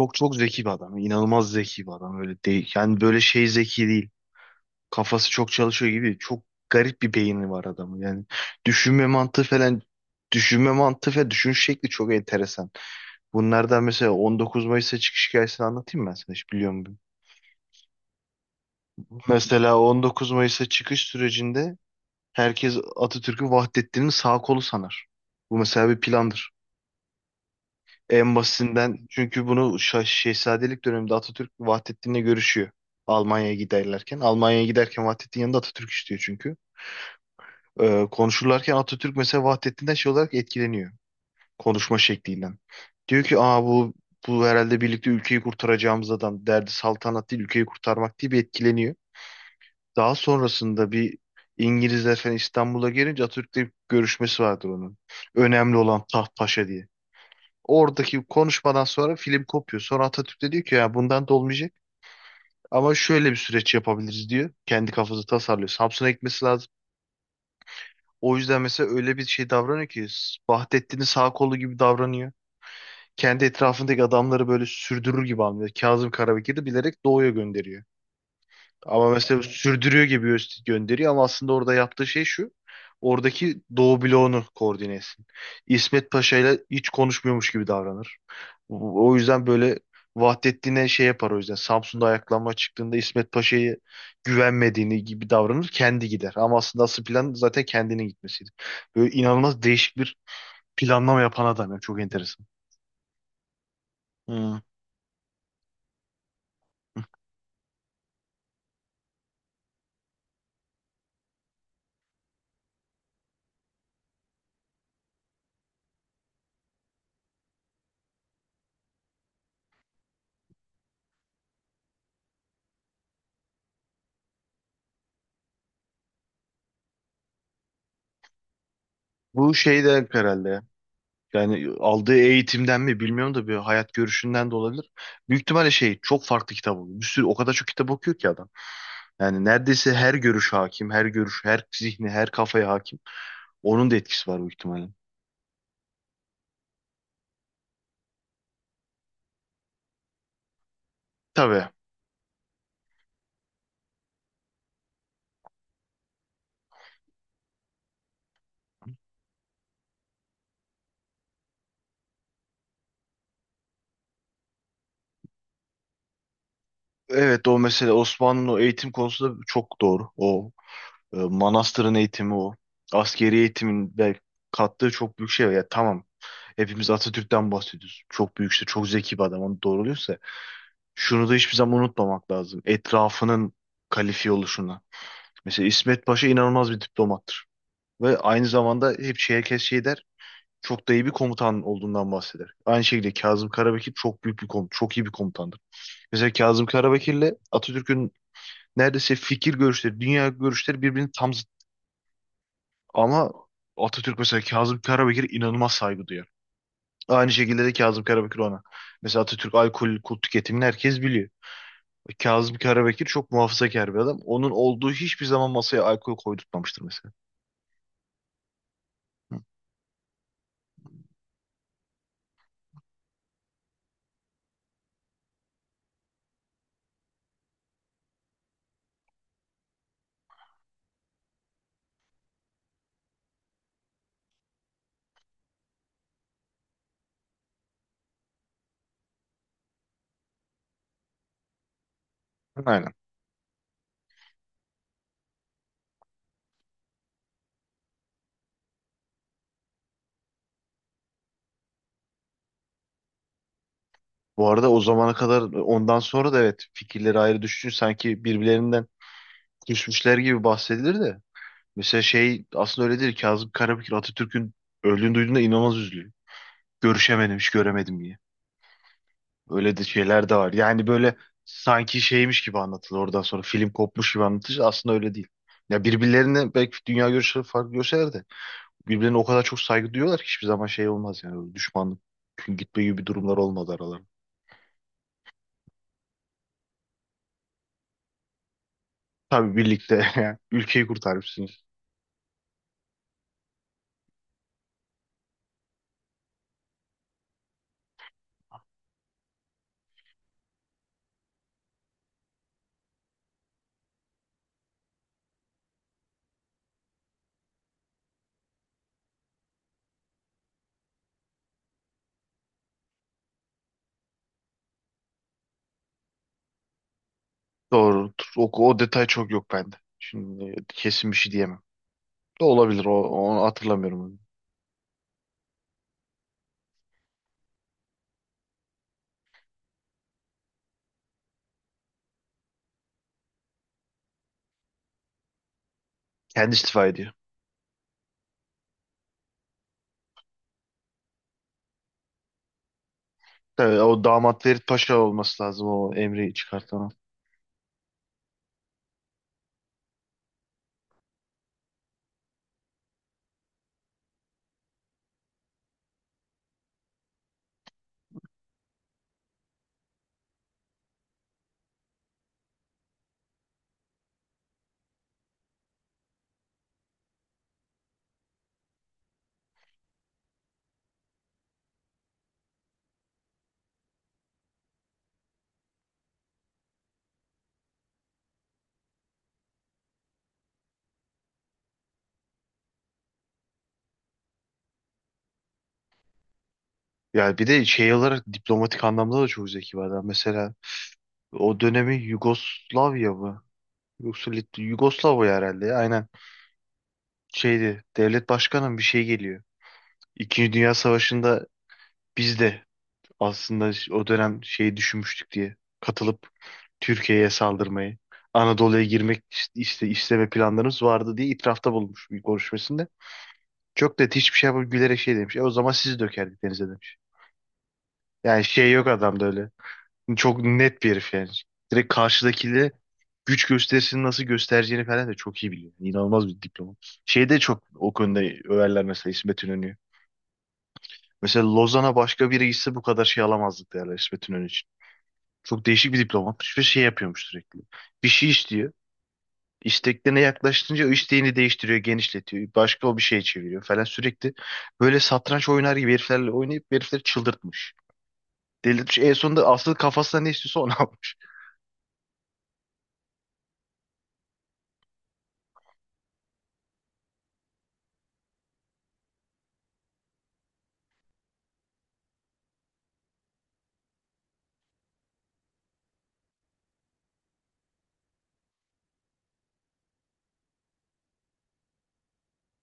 Çok çok zeki bir adam. İnanılmaz zeki bir adam. Öyle değil. Yani böyle şey zeki değil. Kafası çok çalışıyor gibi. Çok garip bir beyni var adamın. Yani düşünme mantığı falan düşünme mantığı ve düşünüş şekli çok enteresan. Bunlardan mesela 19 Mayıs'a çıkış hikayesini anlatayım mı ben sana hiç biliyor musun? Mesela 19 Mayıs'a çıkış sürecinde herkes Atatürk'ü Vahdettin'in sağ kolu sanar. Bu mesela bir plandır. En basitinden çünkü bunu şehzadelik döneminde Atatürk Vahdettin'le görüşüyor. Almanya'ya giderlerken. Almanya'ya giderken Vahdettin yanında Atatürk istiyor çünkü. Konuşurlarken Atatürk mesela Vahdettin'den şey olarak etkileniyor. Konuşma şeklinden. Diyor ki aa bu herhalde birlikte ülkeyi kurtaracağımız adam. Derdi saltanat değil ülkeyi kurtarmak diye bir etkileniyor. Daha sonrasında bir İngilizler falan İstanbul'a gelince Atatürk'le bir görüşmesi vardır onun. Önemli olan taht paşa diye. Oradaki konuşmadan sonra film kopuyor. Sonra Atatürk de diyor ki ya bundan da olmayacak. Ama şöyle bir süreç yapabiliriz diyor. Kendi kafası tasarlıyor. Samsun'a gitmesi lazım. O yüzden mesela öyle bir şey davranıyor ki Vahdettin'in sağ kolu gibi davranıyor. Kendi etrafındaki adamları böyle sürdürür gibi anlıyor. Kazım Karabekir'i bilerek doğuya gönderiyor. Ama mesela sürdürüyor gibi gönderiyor ama aslında orada yaptığı şey şu. Oradaki Doğu bloğunu koordine etsin. İsmet Paşa ile hiç konuşmuyormuş gibi davranır. O yüzden böyle Vahdettin'e şey yapar o yüzden. Samsun'da ayaklanma çıktığında İsmet Paşa'yı güvenmediğini gibi davranır. Kendi gider. Ama aslında asıl plan zaten kendinin gitmesiydi. Böyle inanılmaz değişik bir planlama yapan adam ya. Çok enteresan. Hı. Bu şey de herhalde ya. Yani aldığı eğitimden mi bilmiyorum da bir hayat görüşünden de olabilir. Büyük ihtimalle şey çok farklı kitap okuyor. Bir sürü o kadar çok kitap okuyor ki adam. Yani neredeyse her görüş hakim, her görüş, her zihni, her kafaya hakim. Onun da etkisi var büyük ihtimalle. Tabii. Evet o mesele Osmanlı'nın o eğitim konusunda çok doğru. O manastırın eğitimi o. Askeri eğitimin de kattığı çok büyük şey var. Ya tamam hepimiz Atatürk'ten bahsediyoruz. Çok büyük işte çok zeki bir adam onu doğruluyorsa. Şunu da hiçbir zaman unutmamak lazım. Etrafının kalifiye oluşuna. Mesela İsmet Paşa inanılmaz bir diplomattır. Ve aynı zamanda hep şey, herkes şey der. Çok da iyi bir komutan olduğundan bahseder. Aynı şekilde Kazım Karabekir çok büyük bir komutan, çok iyi bir komutandır. Mesela Kazım Karabekir'le Atatürk'ün neredeyse fikir görüşleri, dünya görüşleri birbirinin tam zıt. Ama Atatürk mesela Kazım Karabekir'e inanılmaz saygı duyar. Aynı şekilde de Kazım Karabekir ona. Mesela Atatürk alkol, kul tüketimini herkes biliyor. Kazım Karabekir çok muhafazakar bir adam. Onun olduğu hiçbir zaman masaya alkol koydurtmamıştır mesela. Hı. Aynen. Bu arada o zamana kadar ondan sonra da evet fikirleri ayrı düşünce sanki birbirlerinden küsmüşler gibi bahsedilir de. Mesela şey aslında öyle değil. Kazım Karabekir Atatürk'ün öldüğünü duyduğunda inanılmaz üzülüyor. Görüşemedim, hiç göremedim diye. Öyle de şeyler de var. Yani böyle sanki şeymiş gibi anlatılır oradan sonra film kopmuş gibi anlatılır. Aslında öyle değil. Ya birbirlerine belki dünya görüşleri farklı görseler de birbirine o kadar çok saygı duyuyorlar ki hiçbir zaman şey olmaz yani. Böyle düşmanlık gitme gibi durumlar olmadı aralarında. Tabii birlikte ülkeyi kurtarmışsınız. Doğru. O detay çok yok bende. Şimdi kesin bir şey diyemem. Da olabilir. Onu hatırlamıyorum. Kendi istifa ediyor. Tabii, o damat Ferit Paşa olması lazım o emri çıkartan. Yani bir de şey olarak diplomatik anlamda da çok zeki bir adam. Mesela o dönemi Yugoslavya mı? Yoksa Yugoslavya herhalde. Aynen. Şeydi. Devlet başkanı mı bir şey geliyor. İkinci Dünya Savaşı'nda biz de aslında o dönem şeyi düşünmüştük diye katılıp Türkiye'ye saldırmayı, Anadolu'ya girmek işte isteme planlarımız vardı diye itirafta bulunmuş bir konuşmasında. Çok da hiçbir şey yapıp gülerek şey demiş. E o zaman sizi dökerdik denize demiş. Yani şey yok adamda öyle. Çok net bir herif yani. Direkt karşıdakiyle güç gösterisini nasıl göstereceğini falan da çok iyi biliyor. Yani İnanılmaz bir diplomat. Şeyde çok o konuda överler mesela İsmet İnönü. Mesela Lozan'a başka biri gitse bu kadar şey alamazdık derler İsmet İnönü için. Çok değişik bir diplomatmış ve şey yapıyormuş sürekli. Bir şey istiyor. İsteklerine yaklaştığınca o isteğini değiştiriyor, genişletiyor. Başka o bir şey çeviriyor falan sürekli. Böyle satranç oynar gibi heriflerle oynayıp herifleri çıldırtmış. Delirtmiş. En sonunda asıl kafasına ne istiyorsa onu almış.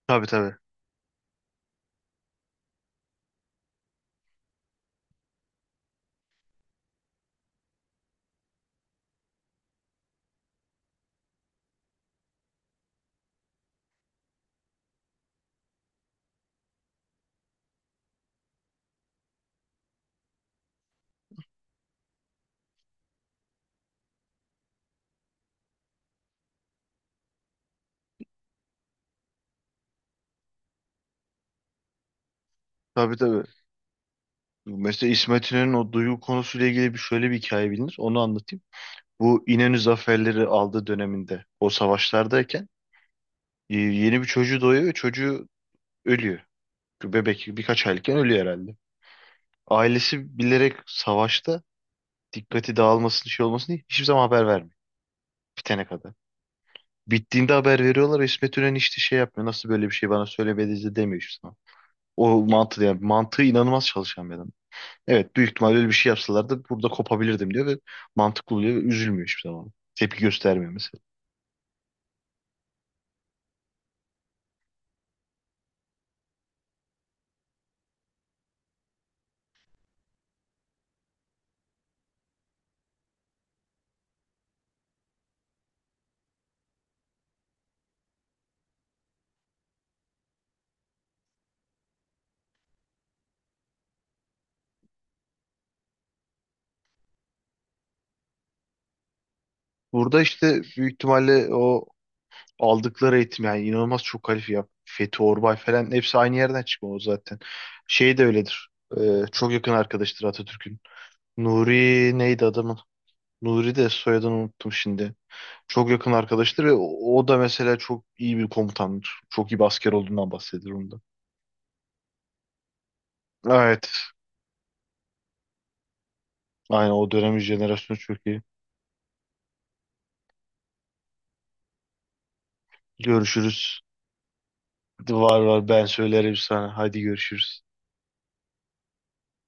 Tabii, tabii. Tabii, tabii. Mesela İsmet İnönü'nün o duygu konusuyla ilgili bir şöyle bir hikaye bilinir. Onu anlatayım. Bu İnönü zaferleri aldığı döneminde o savaşlardayken yeni bir çocuğu doğuyor ve çocuğu ölüyor. Bebek birkaç aylıkken ölüyor herhalde. Ailesi bilerek savaşta dikkati dağılmasın şey olmasın diye hiçbir zaman haber vermiyor. Bitene kadar. Bittiğinde haber veriyorlar. İsmet İnönü işte şey yapmıyor. Nasıl böyle bir şey bana söylemediniz de demiyor hiçbir zaman. O mantığı yani mantığı inanılmaz çalışan bir adam. Evet büyük ihtimalle öyle bir şey yapsalardı burada kopabilirdim diyor ve mantıklı oluyor ve üzülmüyor hiçbir zaman. Tepki göstermiyor mesela. Burada işte büyük ihtimalle o aldıkları eğitim yani inanılmaz çok kalifiye ya. Fethi Orbay falan hepsi aynı yerden çıkma o zaten. Şey de öyledir. Çok yakın arkadaştır Atatürk'ün. Nuri neydi adamın? Nuri de soyadını unuttum şimdi. Çok yakın arkadaştır ve o da mesela çok iyi bir komutandır. Çok iyi bir asker olduğundan bahsedilir onda. Evet. Aynen o dönemin jenerasyonu çok iyi. Görüşürüz. Var var ben söylerim sana. Hadi görüşürüz.